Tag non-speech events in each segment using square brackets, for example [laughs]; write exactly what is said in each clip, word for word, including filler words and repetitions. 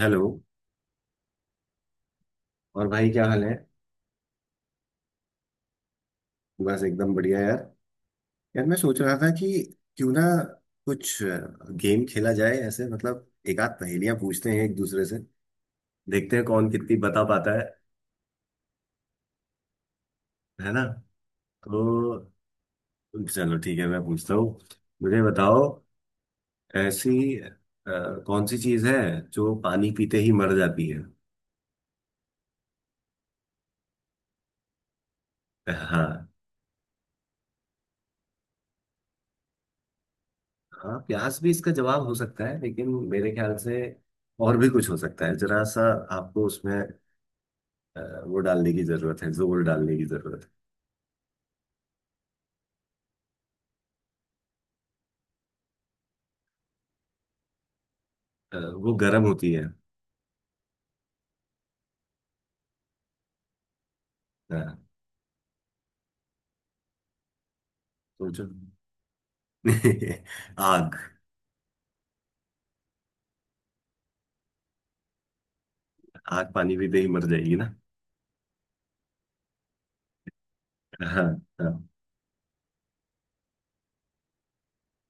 Hello. और भाई क्या हाल है? बस एकदम बढ़िया यार। यार मैं सोच रहा था कि क्यों ना कुछ गेम खेला जाए, ऐसे मतलब एक आध पहेलियां पूछते हैं एक दूसरे से, देखते हैं कौन कितनी बता पाता है। है ना? तो चलो ठीक है, मैं पूछता हूँ। मुझे बताओ, ऐसी अ, कौन सी चीज है जो पानी पीते ही मर जाती है? हाँ। हाँ प्यास भी इसका जवाब हो सकता है लेकिन मेरे ख्याल से और भी कुछ हो सकता है जरा सा। आपको उसमें अ, वो डालने की जरूरत है, जोर डालने की जरूरत है। अ, वो गर्म होती है। हाँ। सोचो। [laughs] आग। आग पानी पीते ही मर जाएगी ना। हाँ। हाँ।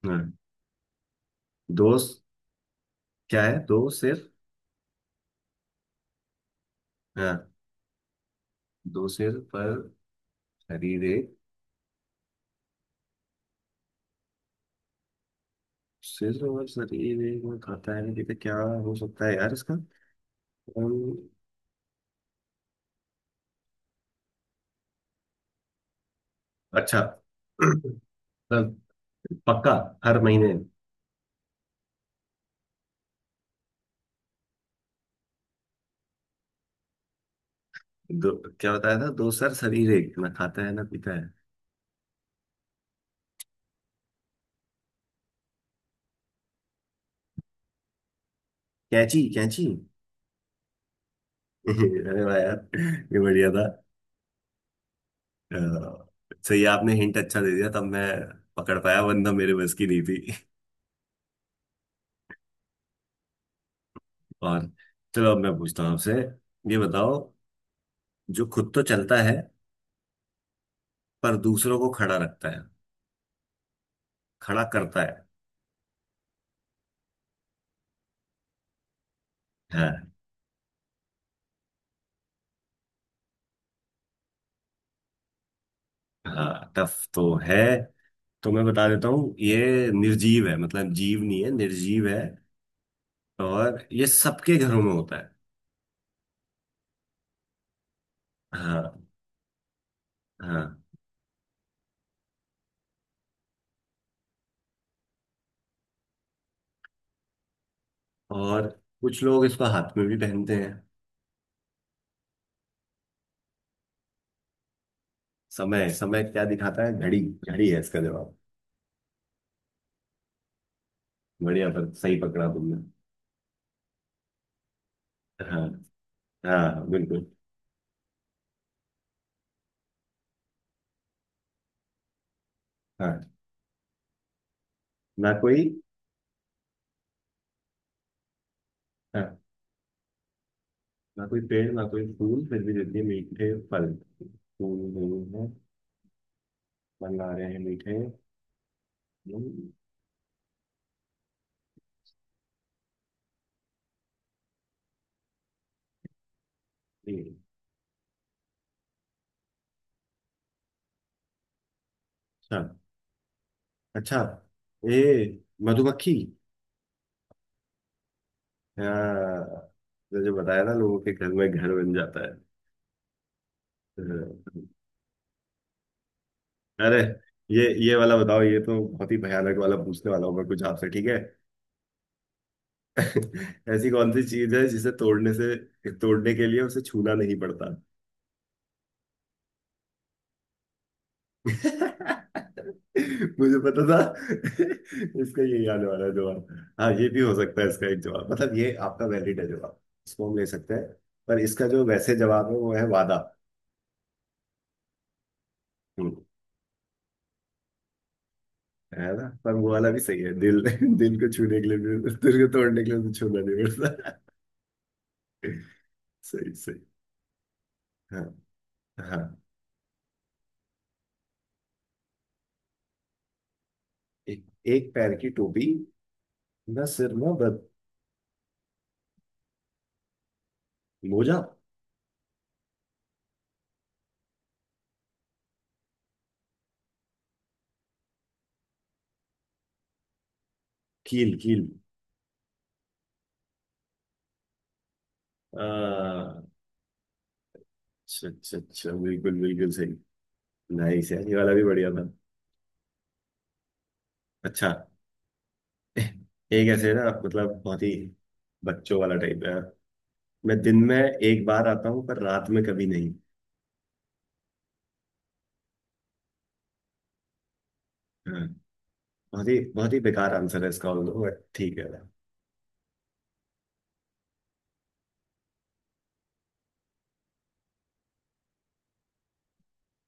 हाँ। दो स- क्या है दो सिर? हाँ। दो सिर पर शरीर एक, सिर और शरीर एक में खाता है, देखते क्या हो सकता है यार इसका। अम्म, अच्छा [clears throat] तब पक्का। हर महीने। दो? क्या बताया था? दो सर शरीर एक, ना खाता है ना पीता है। कैंची, कैंची। [laughs] अरे वाह यार, ये बढ़िया था। अ, सही है, आपने हिंट अच्छा दे दिया तब मैं पकड़ पाया, वरना मेरे बस की नहीं थी। और चलो अब मैं पूछता हूँ आपसे। ये बताओ, जो खुद तो चलता है पर दूसरों को खड़ा रखता है, खड़ा करता है। हाँ। हाँ टफ तो है, तो मैं बता देता हूँ। ये निर्जीव है, मतलब जीव नहीं है, निर्जीव है। और ये सबके घरों में होता है। हाँ। हाँ। और कुछ लोग इसको हाथ में भी पहनते हैं। समय? समय क्या दिखाता है? घड़ी। घड़ी है इसका जवाब। बढ़िया, पर सही पकड़ा तुमने। हाँ, हाँ बिल्कुल। हाँ। ना कोई। हाँ, ना कोई पेड़ ना कोई फूल फिर भी देती है मीठे फल। फूल नहीं है, फल आ रहे हैं मीठे। हम्म। ये। अच्छा, अच्छा। ये मधुमक्खी। हाँ, तो जो बताया ना लोगों के घर में घर बन जाता है। हाँ। अरे ये ये वाला बताओ, ये तो बहुत ही भयानक वाला पूछने वाला हूँ मैं कुछ आपसे, ठीक है? [laughs] ऐसी कौन सी चीज है जिसे तोड़ने से, तोड़ने के लिए उसे छूना नहीं पड़ता। [laughs] मुझे पता था। [laughs] इसका ये याद वाला जवाब। हाँ ये भी हो सकता है इसका एक जवाब, मतलब ये आपका वैलिड है जवाब। इसको हम ले सकते हैं, पर इसका जो वैसे जवाब है वो है वादा। हम्म। है ना, पर वो वाला भी सही है, दिल। [laughs] दिल को छूने के लिए भी- दिल को तोड़ने के लिए उसे छूना नहीं पड़ता। [laughs] सही, सही। हाँ। हाँ। एक, एक पैर की टोपी, ना सिर ना बद। मोजा? कील, कील। आ, अच्छा अच्छा अच्छा, बिल्कुल बिल्कुल सही। नाइस यार, ये वाला भी बढ़िया था। अच्छा। [laughs] एक ऐसे ना मतलब बहुत ही बच्चों वाला टाइप है। मैं दिन में एक बार आता हूँ पर रात में कभी नहीं। हाँ। बहुत ही बहुत ही बेकार आंसर है इसका ऑल्दो, बट ठीक है।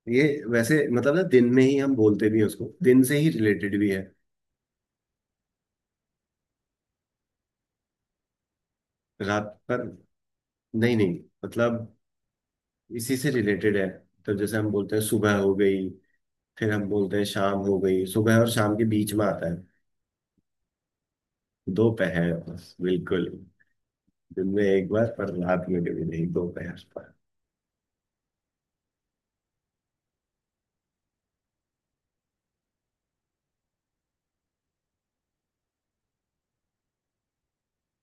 ये वैसे मतलब ना दिन में ही हम बोलते भी हैं उसको, दिन से ही रिलेटेड भी है। रात पर? नहीं नहीं, मतलब इसी से रिलेटेड है। तो जैसे हम बोलते हैं सुबह हो गई, फिर हम बोलते हैं शाम हो गई। सुबह और शाम के बीच में आता है। दोपहर, बिल्कुल। दिन में एक बार पर रात में कभी नहीं, दोपहर। पर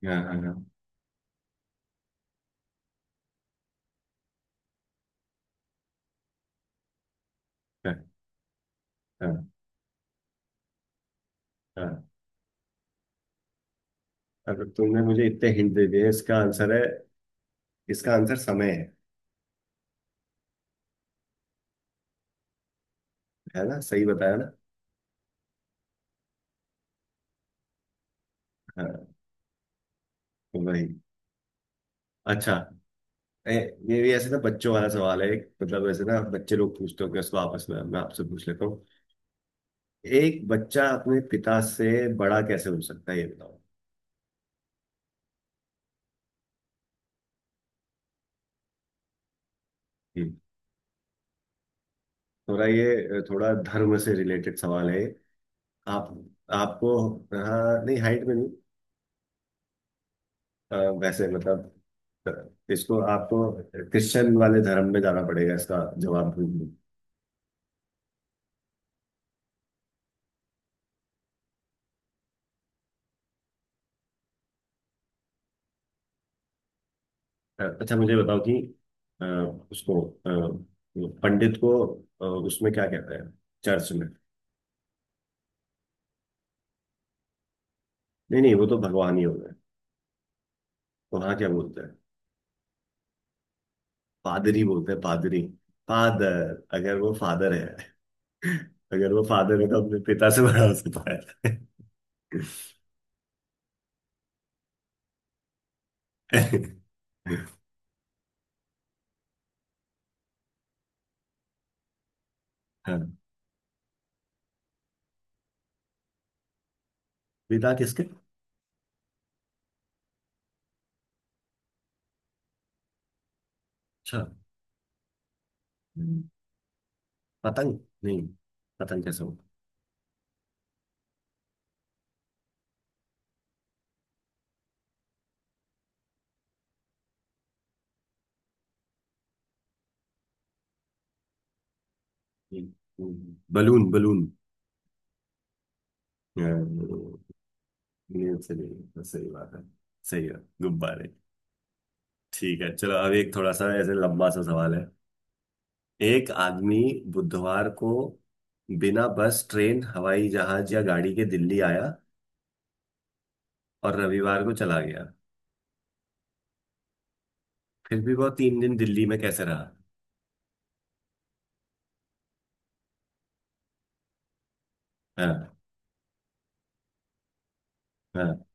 हाँ, हाँ, हाँ, हाँ, हाँ, हाँ। अगर तुमने मुझे इतने हिंट दे दिए इसका आंसर है, इसका आंसर समय है। है ना, सही बताया ना? हाँ, वही। अच्छा। ए, ये भी ऐसे ना बच्चों वाला सवाल है, एक मतलब ऐसे ना बच्चे लोग पूछते हो कि उसको आपस में, मैं आपसे पूछ लेता हूँ। एक बच्चा अपने पिता से बड़ा कैसे हो सकता है ये बताओ? हम्म। थोड़ा ये थोड़ा धर्म से रिलेटेड सवाल है। आप, आपको। हाँ नहीं, हाइट में नहीं। अ, वैसे मतलब अ, इसको आपको क्रिश्चियन वाले धर्म में जाना पड़ेगा इसका जवाब ढूंढने। अ, अच्छा मुझे बताओ कि अ, उसको अ, पंडित को, अ, उसमें क्या कहते हैं चर्च में? नहीं नहीं, वो तो भगवान ही हो गए। तो वहाँ क्या बोलते हैं? पादरी बोलते हैं, पादरी। फादर, अगर वो फादर है [laughs] अगर वो फादर है तो अपने पिता से बड़ा हो सकता है। [laughs] हाँ। विदा किसके? अच्छा। हम्म, पतंग नहीं? पतंग कैसे हो? Balloon, balloon. नहीं, सही सही बात है। सही है, गुब्बारे। ठीक है, चलो अब एक थोड़ा सा ऐसे लंबा सा सवाल है। एक आदमी बुधवार को बिना बस, ट्रेन, हवाई जहाज या गाड़ी के दिल्ली आया और रविवार को चला गया, फिर भी वो तीन दिन दिल्ली में कैसे रहा? हाँ। हाँ।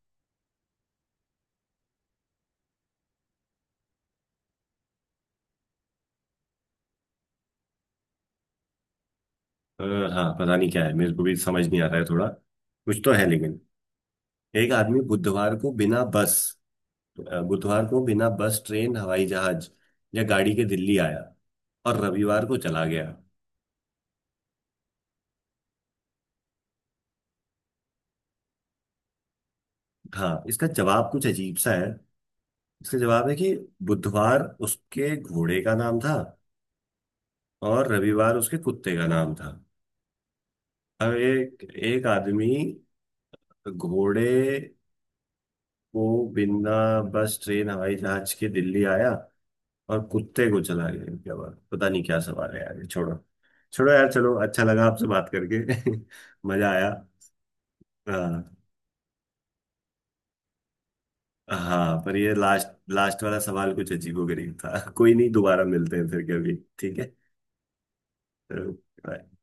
अ, हाँ पता नहीं क्या है, मेरे को भी समझ नहीं आ रहा है थोड़ा, कुछ तो है लेकिन। एक आदमी बुधवार को बिना बस, अ, बुधवार को बिना बस ट्रेन हवाई जहाज या गाड़ी के दिल्ली आया और रविवार को चला गया। हाँ, इसका जवाब कुछ अजीब सा है। इसका जवाब है कि बुधवार उसके घोड़े का नाम था और रविवार उसके कुत्ते का नाम था। अब एक एक आदमी घोड़े को बिना बस ट्रेन हवाई जहाज के दिल्ली आया और कुत्ते को चला गया। क्या बात, पता नहीं क्या सवाल है यार, ये छोड़ो। छोड़ो यार, चलो। अच्छा लगा आपसे बात करके। [laughs] मजा आया। हाँ, हाँ पर ये लास्ट, लास्ट वाला सवाल कुछ अजीबो गरीब था। [laughs] कोई नहीं, दोबारा मिलते हैं फिर कभी, ठीक है। चलो, bye.